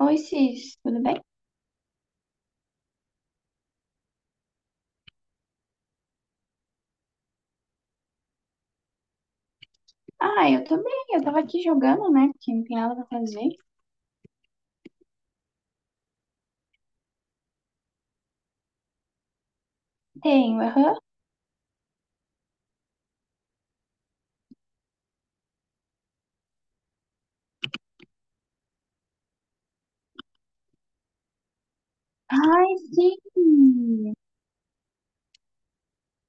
Oi, Cis, tudo bem? Ah, eu tô bem, eu tava aqui jogando, né? Porque não tem nada pra fazer. Tenho, aham. Ai, sim!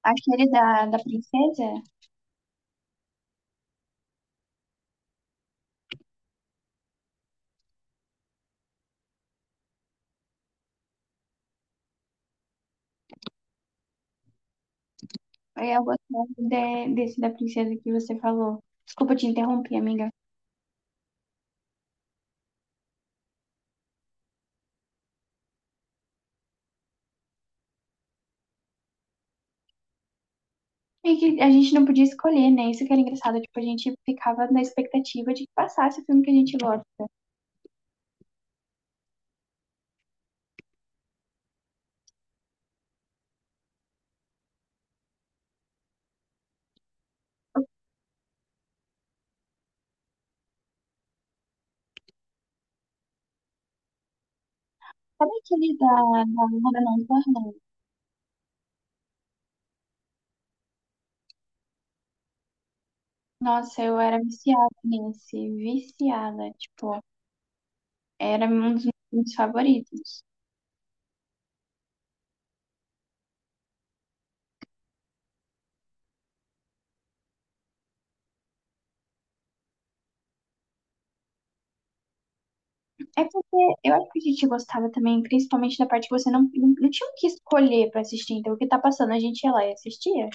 Aquele da, da princesa? Eu gostava desse da princesa que você falou. Desculpa te interromper, amiga. É que a gente não podia escolher, né? Isso que era engraçado. Tipo, a gente ficava na expectativa de que passasse o filme que a gente gosta. Sabe aquele da, da Lana Não Tornei? Nossa, eu era viciada nesse, viciada, tipo. Era um dos meus filmes favoritos. É porque eu acho que a gente gostava também, principalmente da parte que você não tinha o que escolher pra assistir. Então, o que tá passando, a gente ia lá e assistia.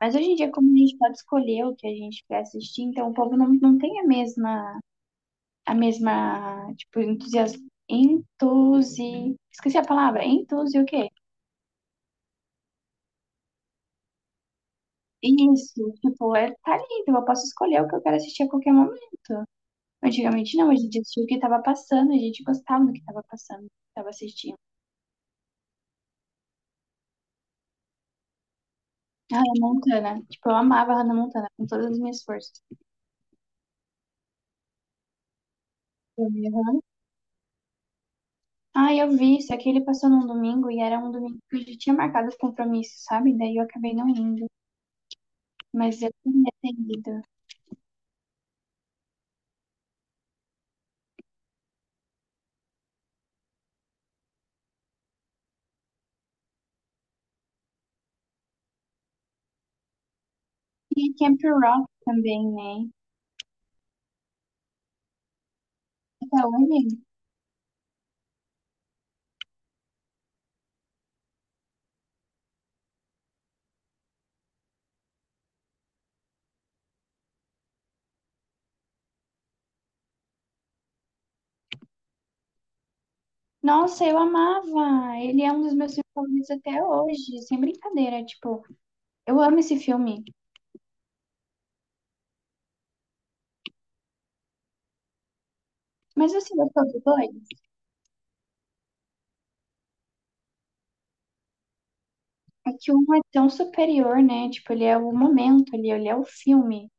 Mas hoje em dia, como a gente pode escolher o que a gente quer assistir, então o povo não tem a mesma, tipo, entusiasmo. Entusi... Esqueci a palavra. Entusi o quê? Isso, tipo, é, tá ali, então eu posso escolher o que eu quero assistir a qualquer momento. Antigamente não, a gente assistia o que tava passando, a gente gostava do que tava passando, do que tava assistindo. A Hannah Montana. Tipo, eu amava a Hannah Montana com todas as minhas forças. Eu vi Hannah- Ah, eu vi, só que ele passou num domingo e era um domingo que eu já tinha marcado os compromissos, sabe? Daí eu acabei não indo, mas eu tinha atendido. E Camp Rock também, né? Até hoje. Nossa, eu amava! Ele é um dos meus filmes favoritos até hoje, sem brincadeira. Tipo, eu amo esse filme. Mas você gostou do dois? É que um é tão superior, né? Tipo, ele é o momento ali, ele é o filme.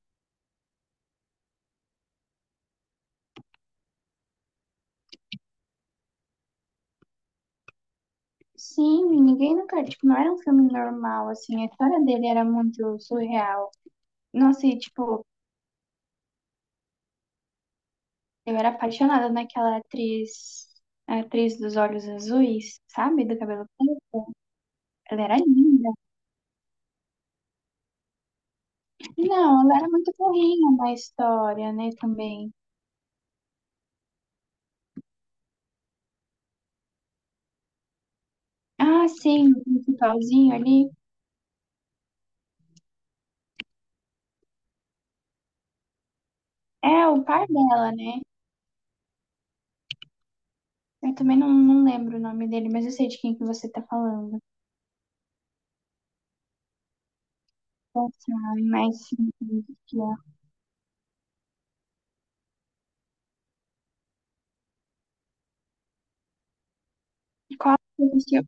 Sim, ninguém nunca, tipo, não era um filme normal, assim, a história dele era muito surreal. Nossa, e, tipo, eu era apaixonada naquela atriz, a atriz dos olhos azuis, sabe, do cabelo preto. Ela era linda. Não, ela era muito burrinha na história, né, também. Ah, sim, o principalzinho ali é o par dela, né? Eu também não lembro o nome dele, mas eu sei de quem que você tá falando. Nossa, mas sim, sim, sim. Qual que você assistiu?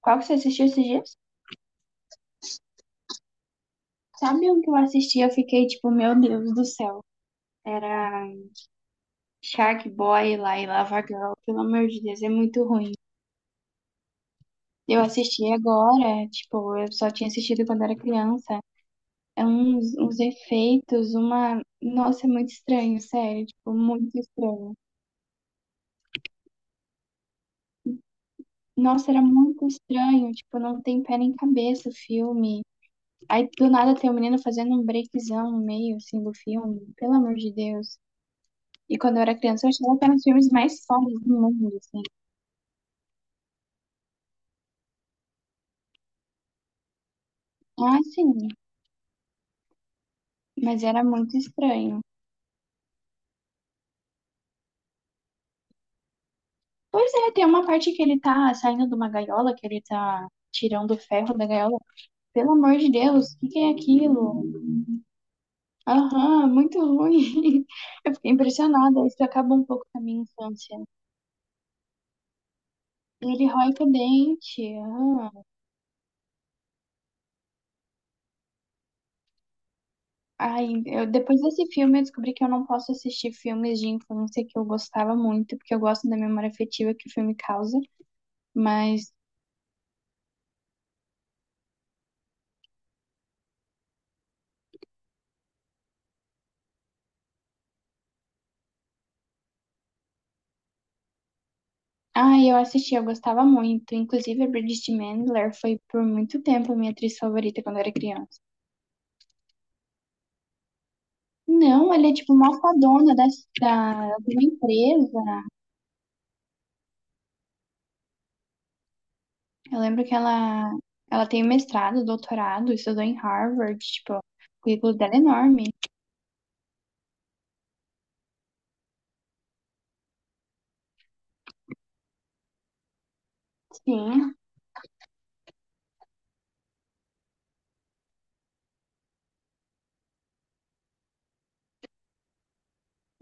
Qual que você assistiu esses dias? Sabe um que eu assisti? Eu fiquei tipo, meu Deus do céu. Era Shark Boy lá e Lava Girl. Pelo amor de Deus, é muito ruim. Eu assisti agora, tipo, eu só tinha assistido quando era criança. É uns efeitos, uma. Nossa, é muito estranho, sério. Tipo, muito estranho. Nossa, era muito estranho. Tipo, não tem pé nem cabeça o filme. Aí do nada tem o um menino fazendo um breakzão no meio, assim, do filme. Pelo amor de Deus. E quando eu era criança, eu achava que eram os filmes mais fodas do mundo. Ah, sim, mas era muito estranho. Pois é, tem uma parte que ele tá saindo de uma gaiola, que ele tá tirando o ferro da gaiola. Pelo amor de Deus, o que que é aquilo? Aham, muito ruim. Eu fiquei impressionada, isso acaba um pouco com a minha infância. Ele rói com o dente. Ah. Ai, eu, depois desse filme eu descobri que eu não posso assistir filmes de infância que eu gostava muito, porque eu gosto da memória afetiva que o filme causa, mas Ah, eu assisti, eu gostava muito. Inclusive, a Bridget Mendler foi por muito tempo minha atriz favorita quando eu era criança. Não, ela é tipo uma fadona de uma empresa. Eu lembro que ela tem mestrado, doutorado, estudou em Harvard, tipo, o currículo dela é enorme. Sim,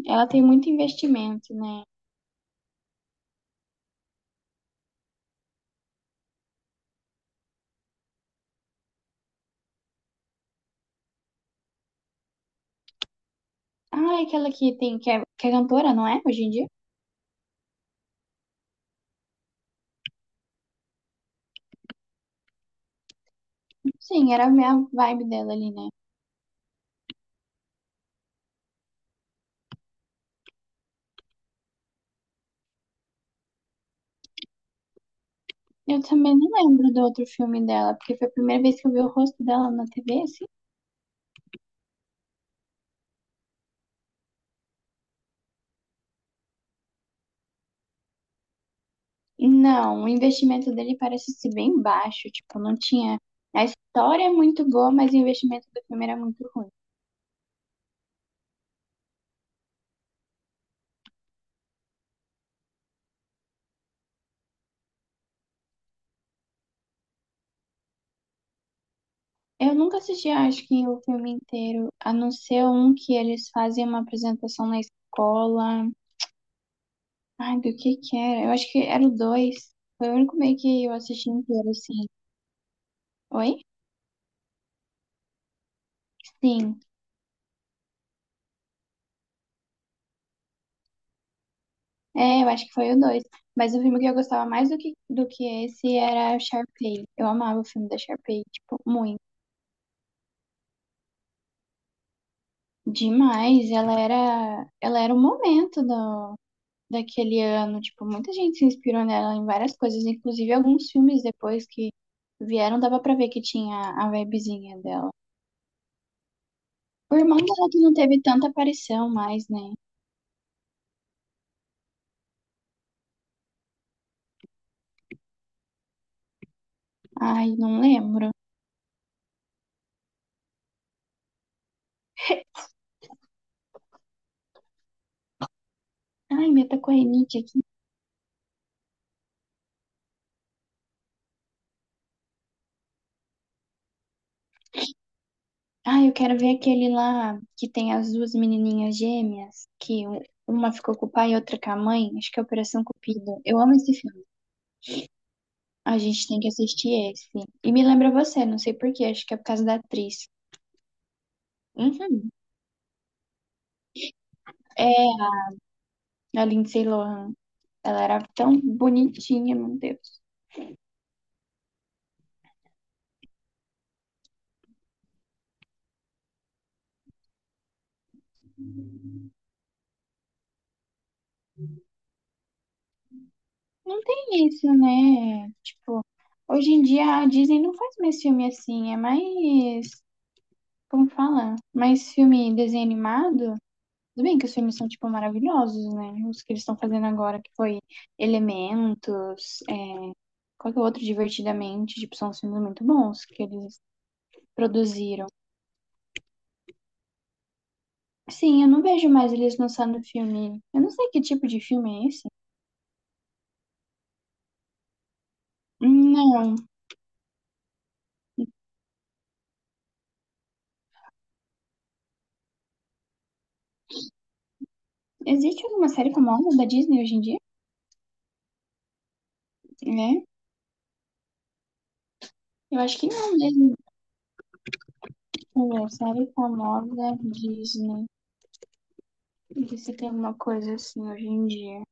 ela tem muito investimento, né? Ah, é aquela que tem, que é cantora, não é? Hoje em dia? Sim, era a minha vibe dela ali, né? Eu também não lembro do outro filme dela, porque foi a primeira vez que eu vi o rosto dela na TV, assim. Não, o investimento dele parece ser bem baixo, tipo, não tinha. A história é muito boa, mas o investimento do filme era muito ruim. Eu nunca assisti, acho que o filme inteiro, a não ser um que eles fazem uma apresentação na escola. Ai, do que era? Eu acho que era o dois. Foi o único meio que eu assisti inteiro, assim. Oi? Sim. É, eu acho que foi o dois. Mas o filme que eu gostava mais do que esse era o Sharpay. Eu amava o filme da Sharpay, tipo, muito. Demais, ela era o momento do, daquele ano, tipo, muita gente se inspirou nela em várias coisas, inclusive alguns filmes depois que vieram, dava pra ver que tinha a vibezinha dela. O irmão dela que não teve tanta aparição mais, né? Ai, não lembro. Ai, minha tá com rinite aqui. Ai, eu quero ver aquele lá que tem as duas menininhas gêmeas, uma ficou com o pai e outra com a mãe, acho que é Operação Cupido. Eu amo esse filme. A gente tem que assistir esse. E me lembra você, não sei por quê, acho que é por causa da atriz. Uhum. É, a Lindsay Lohan. Ela era tão bonitinha, meu Deus. Não tem isso, né? Tipo, hoje em dia a Disney não faz mais filme assim, é mais, como fala? Mais filme desenho animado. Tudo bem que os filmes são, tipo, maravilhosos, né? Os que eles estão fazendo agora, que foi Elementos, é, qual que é o outro, Divertidamente, tipo, são filmes muito bons que eles produziram. Sim, eu não vejo mais eles lançando filme. Eu não sei que tipo de filme é esse. Não. Existe alguma série famosa da Disney hoje em dia? Né? Eu acho que não, mesmo. É série famosa Disney. Não se tem alguma coisa assim hoje em dia.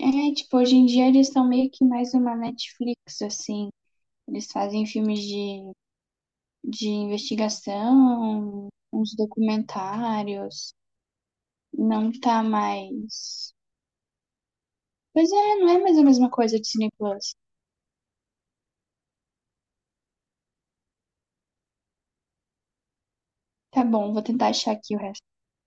É, tipo, hoje em dia eles são meio que mais uma Netflix, assim. Eles fazem filmes de investigação, uns documentários. Não tá mais. Pois é, não é mais a mesma coisa de Cine Plus. Tá bom, vou tentar achar aqui o resto.